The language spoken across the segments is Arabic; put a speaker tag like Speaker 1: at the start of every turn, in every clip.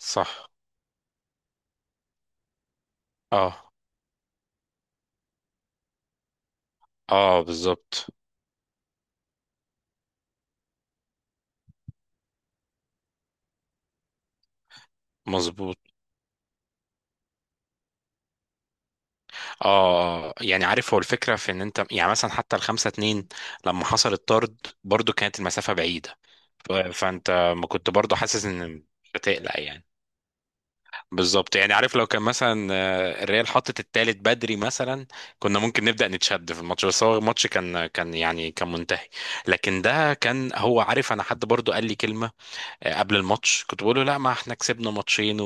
Speaker 1: صح. اه، اه، بالظبط. مظبوط. اه. آه. يعني عارف هو الفكره في ان انت يعني مثلا حتى الخمسة اتنين لما حصل الطرد برضو كانت المسافه بعيده. فانت ما كنت برضو حاسس ان مش هتقلق يعني. بالظبط. يعني عارف لو كان مثلا الريال حطت التالت بدري مثلا، كنا ممكن نبدا نتشد في الماتش، بس هو الماتش كان يعني كان منتهي. لكن ده كان، هو عارف، انا حد برضو قال لي كلمه قبل الماتش، كنت بقول له لا ما احنا كسبنا ماتشين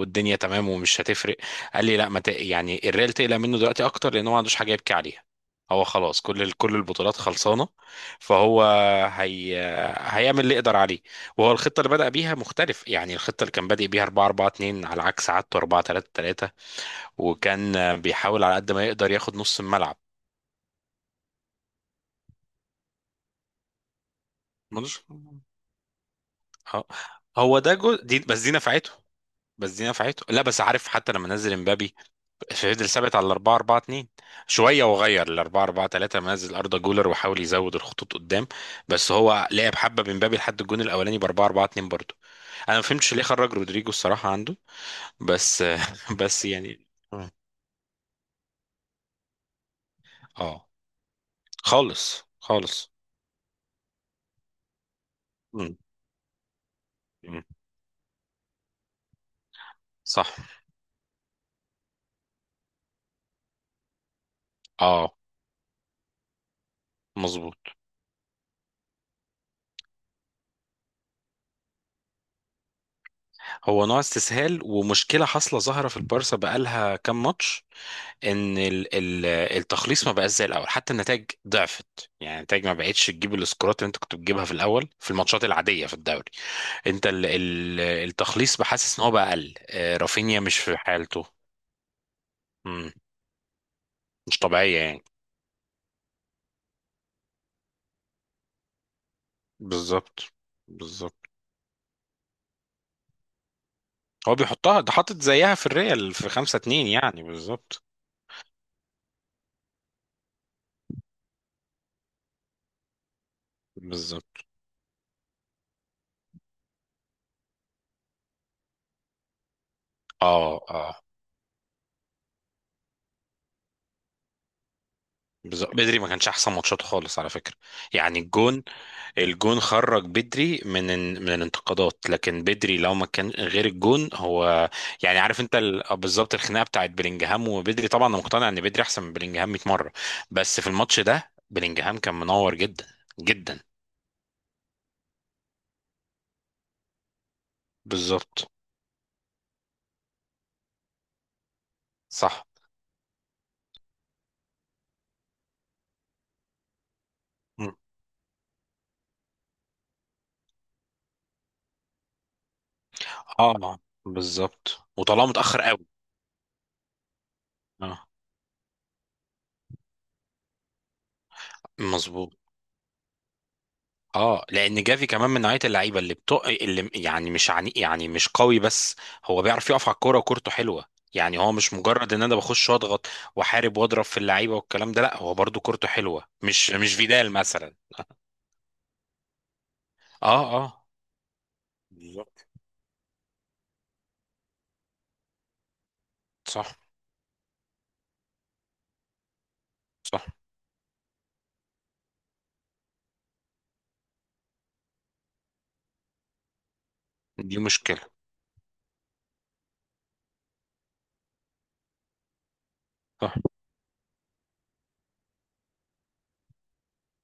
Speaker 1: والدنيا تمام ومش هتفرق. قال لي لا، ما ت... يعني الريال تقلق منه دلوقتي اكتر لان هو ما عندوش حاجه يبكي عليها. هو خلاص، كل البطولات خلصانه. فهو هي... هيعمل اللي يقدر عليه. وهو الخطه اللي بدأ بيها مختلف، يعني الخطه اللي كان بادئ بيها 4-4-2 على عكس عادته 4-3-3. وكان بيحاول على قد ما يقدر ياخد نص الملعب. ملوش- اه، هو ده جزء، دي بس دي نفعته لا بس عارف، حتى لما نزل امبابي فضل ثابت على 4-4-2 شويه وغير ل 4-4-3، نزل اردا جولر وحاول يزود الخطوط قدام. بس هو لعب حبه من بابي لحد الجون الاولاني ب 4-4-2 برضه. انا ما فهمتش ليه خرج رودريجو، الصراحه عنده. بس بس يعني. اه، خالص خالص. مم. مم. صح. اه. مظبوط. هو نوع استسهال، ومشكله حاصله ظاهره في البارسا بقالها كام ماتش، ان التخليص ما بقاش زي الاول، حتى النتائج ضعفت، يعني النتائج ما بقتش تجيب السكورات اللي انت كنت بتجيبها في الاول في الماتشات العاديه في الدوري. انت التخليص بحاسس ان هو بقى اقل. رافينيا مش في حالته. مم. مش طبيعيه يعني. بالظبط. بالظبط. هو بيحطها، ده حاطط زيها في الريال في 5-2 يعني، بالظبط. بالظبط. اه، اه، بالظبط. بدري ما كانش احسن ماتشاته خالص على فكره. يعني الجون خرج بدري من من الانتقادات. لكن بدري لو ما كان غير الجون، هو، يعني عارف انت، بالظبط، الخناقه بتاعت بلينجهام وبدري، طبعا انا مقتنع ان بدري احسن من بلينجهام 100 مره، بس في الماتش ده بلينجهام كان منور جدا. جدا. بالظبط. صح. م. اه، بالظبط، وطلعه متاخر قوي. اه. مظبوط. اه، لان جافي كمان من نوعيه اللعيبه اللي يعني مش عني، يعني مش قوي بس. هو بيعرف يقف على الكوره وكورته حلوه. يعني هو مش مجرد ان انا بخش واضغط واحارب واضرب في اللعيبه والكلام ده، لا، هو برضو كورته حلوه، مش فيدال مثلا. اه. اه. بالظبط. صح. صح. دي مشكله. صح.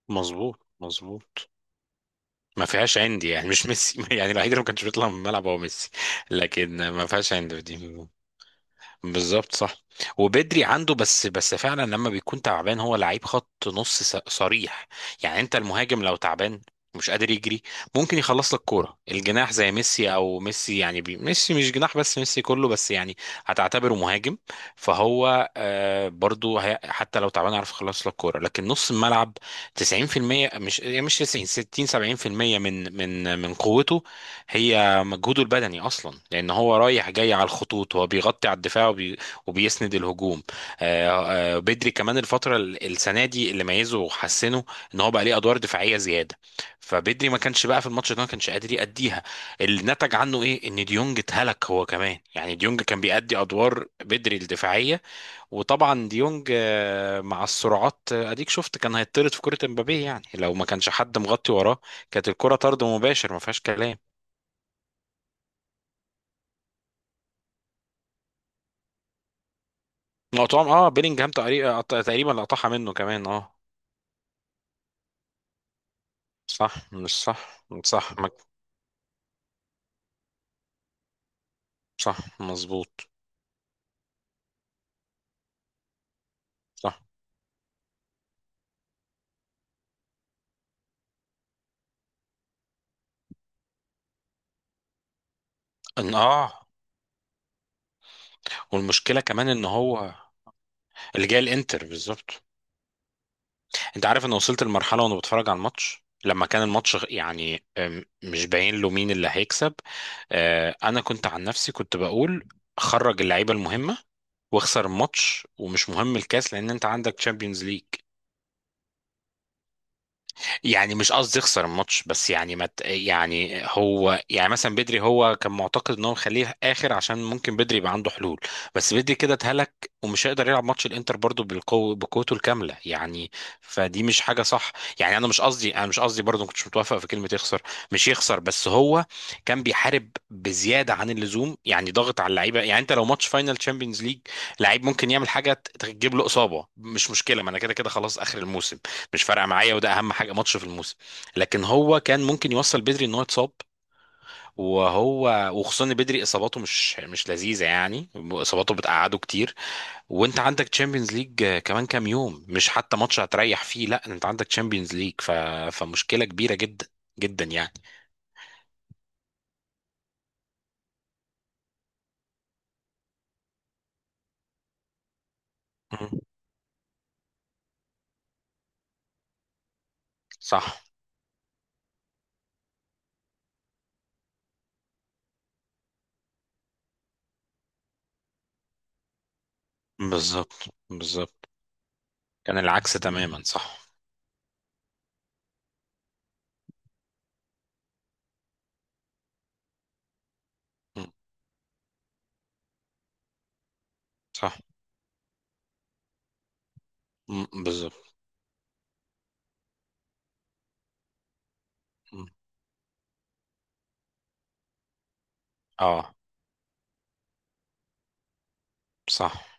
Speaker 1: مظبوط. مظبوط. ما فيهاش عندي، يعني مش ميسي يعني الوحيد اللي ما كانش بيطلع من الملعب هو ميسي. لكن ما فيهاش عندي دي. بالظبط. صح. وبدري عنده، بس فعلا لما بيكون تعبان هو لعيب خط نص صريح. يعني انت المهاجم لو تعبان مش قادر يجري ممكن يخلص لك كوره الجناح، زي ميسي او ميسي يعني ميسي مش جناح، بس ميسي كله بس يعني هتعتبره مهاجم. فهو برضو حتى لو تعبان يعرف يخلص لك كوره، لكن نص الملعب 90% مش، يعني مش 90، 60، 70% من من قوته. هي مجهوده البدني اصلا، لان هو رايح جاي على الخطوط، هو بيغطي على الدفاع وبيسند الهجوم. بدري كمان الفتره السنه دي اللي ميزه وحسنه ان هو بقى ليه ادوار دفاعيه زياده. فبدري ما كانش، بقى في الماتش ده ما كانش قادر يأديها. اللي نتج عنه ايه، ان ديونج اتهلك هو كمان، يعني ديونج كان بيأدي ادوار بدري الدفاعيه. وطبعا ديونج مع السرعات، اديك شفت كان هيطرد في كره امبابيه، يعني لو ما كانش حد مغطي وراه كانت الكره طرد مباشر ما فيهاش كلام. مقطوعة، اه، بيلينجهام تقريبا تقريبا لقطعها منه كمان. اه. صح. مش، صح، صح. صح. مظبوط. صح. ان، اه، والمشكلة كمان ان هو، اللي جاي الانتر، بالظبط. انت عارف، انا وصلت لمرحلة وانا بتفرج على الماتش لما كان الماتش يعني مش باين له مين اللي هيكسب. انا كنت، عن نفسي كنت بقول خرج اللعيبة المهمة واخسر الماتش، ومش مهم الكاس، لان انت عندك تشامبيونز ليج. يعني مش قصدي يخسر الماتش، بس يعني، يعني هو، يعني مثلا بدري، هو كان معتقد ان هو مخليه اخر عشان ممكن بدري يبقى عنده حلول. بس بدري كده اتهلك، ومش هيقدر يلعب ماتش الانتر برضو بالقوه بقوته الكامله يعني. فدي مش حاجه صح. يعني انا مش قصدي برضو ما كنتش متوافق في كلمه يخسر. مش يخسر، بس هو كان بيحارب بزياده عن اللزوم، يعني ضغط على اللعيبه. يعني انت لو ماتش فاينل تشامبيونز ليج، لعيب ممكن يعمل حاجه تجيب له اصابه مش مشكله، ما انا كده كده خلاص اخر الموسم، مش فارقه معايا، وده اهم حاجه ماتش في الموسم. لكن هو كان ممكن يوصل بدري ان هو يتصاب، وهو وخصوصا ان بدري اصاباته مش لذيذه يعني، اصاباته بتقعده كتير، وانت عندك تشامبيونز ليج كمان كام يوم، مش حتى ماتش هتريح فيه، لا، انت عندك تشامبيونز ليج فمشكله كبيره جدا. جدا يعني. مم. صح. بالظبط. بالظبط. كان العكس تماما، صح. مم. صح. مم. بالظبط. مم. اه. صح.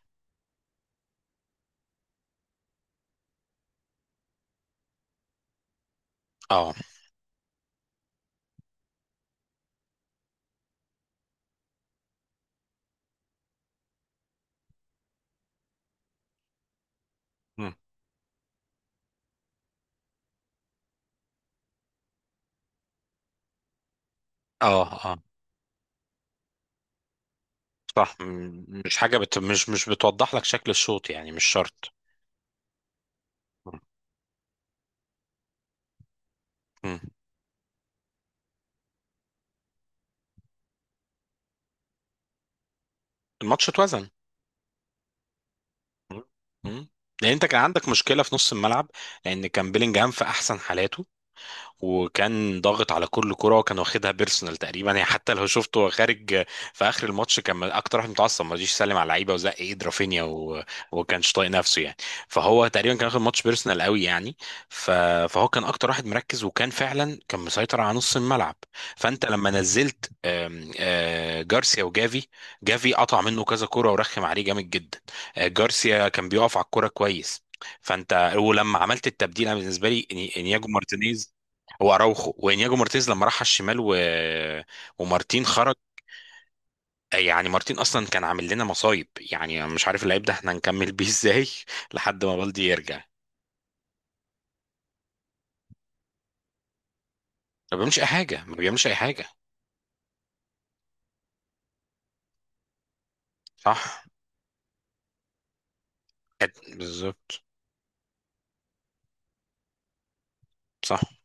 Speaker 1: اه. مم. اه. صح. مش حاجة مش بتوضح لك شكل الشوط يعني، مش شرط. مم. الماتش اتوزن. مم. مم. لان انت كان عندك مشكلة في نص الملعب، لان كان بيلينجهام في احسن حالاته، وكان ضاغط على كل كرة وكان واخدها بيرسونال تقريبا يعني. حتى لو شفته وهو خارج في اخر الماتش كان اكتر واحد متعصب، ما رضيش يسلم على اللعيبه وزق ايد رافينيا وما كانش طايق نفسه يعني. فهو تقريبا كان واخد ماتش بيرسونال قوي يعني. ف- فهو كان اكتر واحد مركز، وكان فعلا كان مسيطر على نص الملعب. فانت لما نزلت آم، آه، جارسيا وجافي، جافي قطع منه كذا كرة ورخم عليه جامد جدا. جارسيا كان بيقف على الكرة كويس. فانت ولما عملت التبديل انا بالنسبه لي انياجو مارتينيز، هو اراوخو وانياجو مارتيز لما راح على الشمال ومارتين خرج. يعني مارتين اصلا كان عامل لنا مصايب يعني، أنا مش عارف اللعيب ده احنا هنكمل بيه ازاي لحد ما بالدي يرجع. ما بيعملش اي حاجه، ما بيعملش اي حاجه. صح. بالظبط. صح.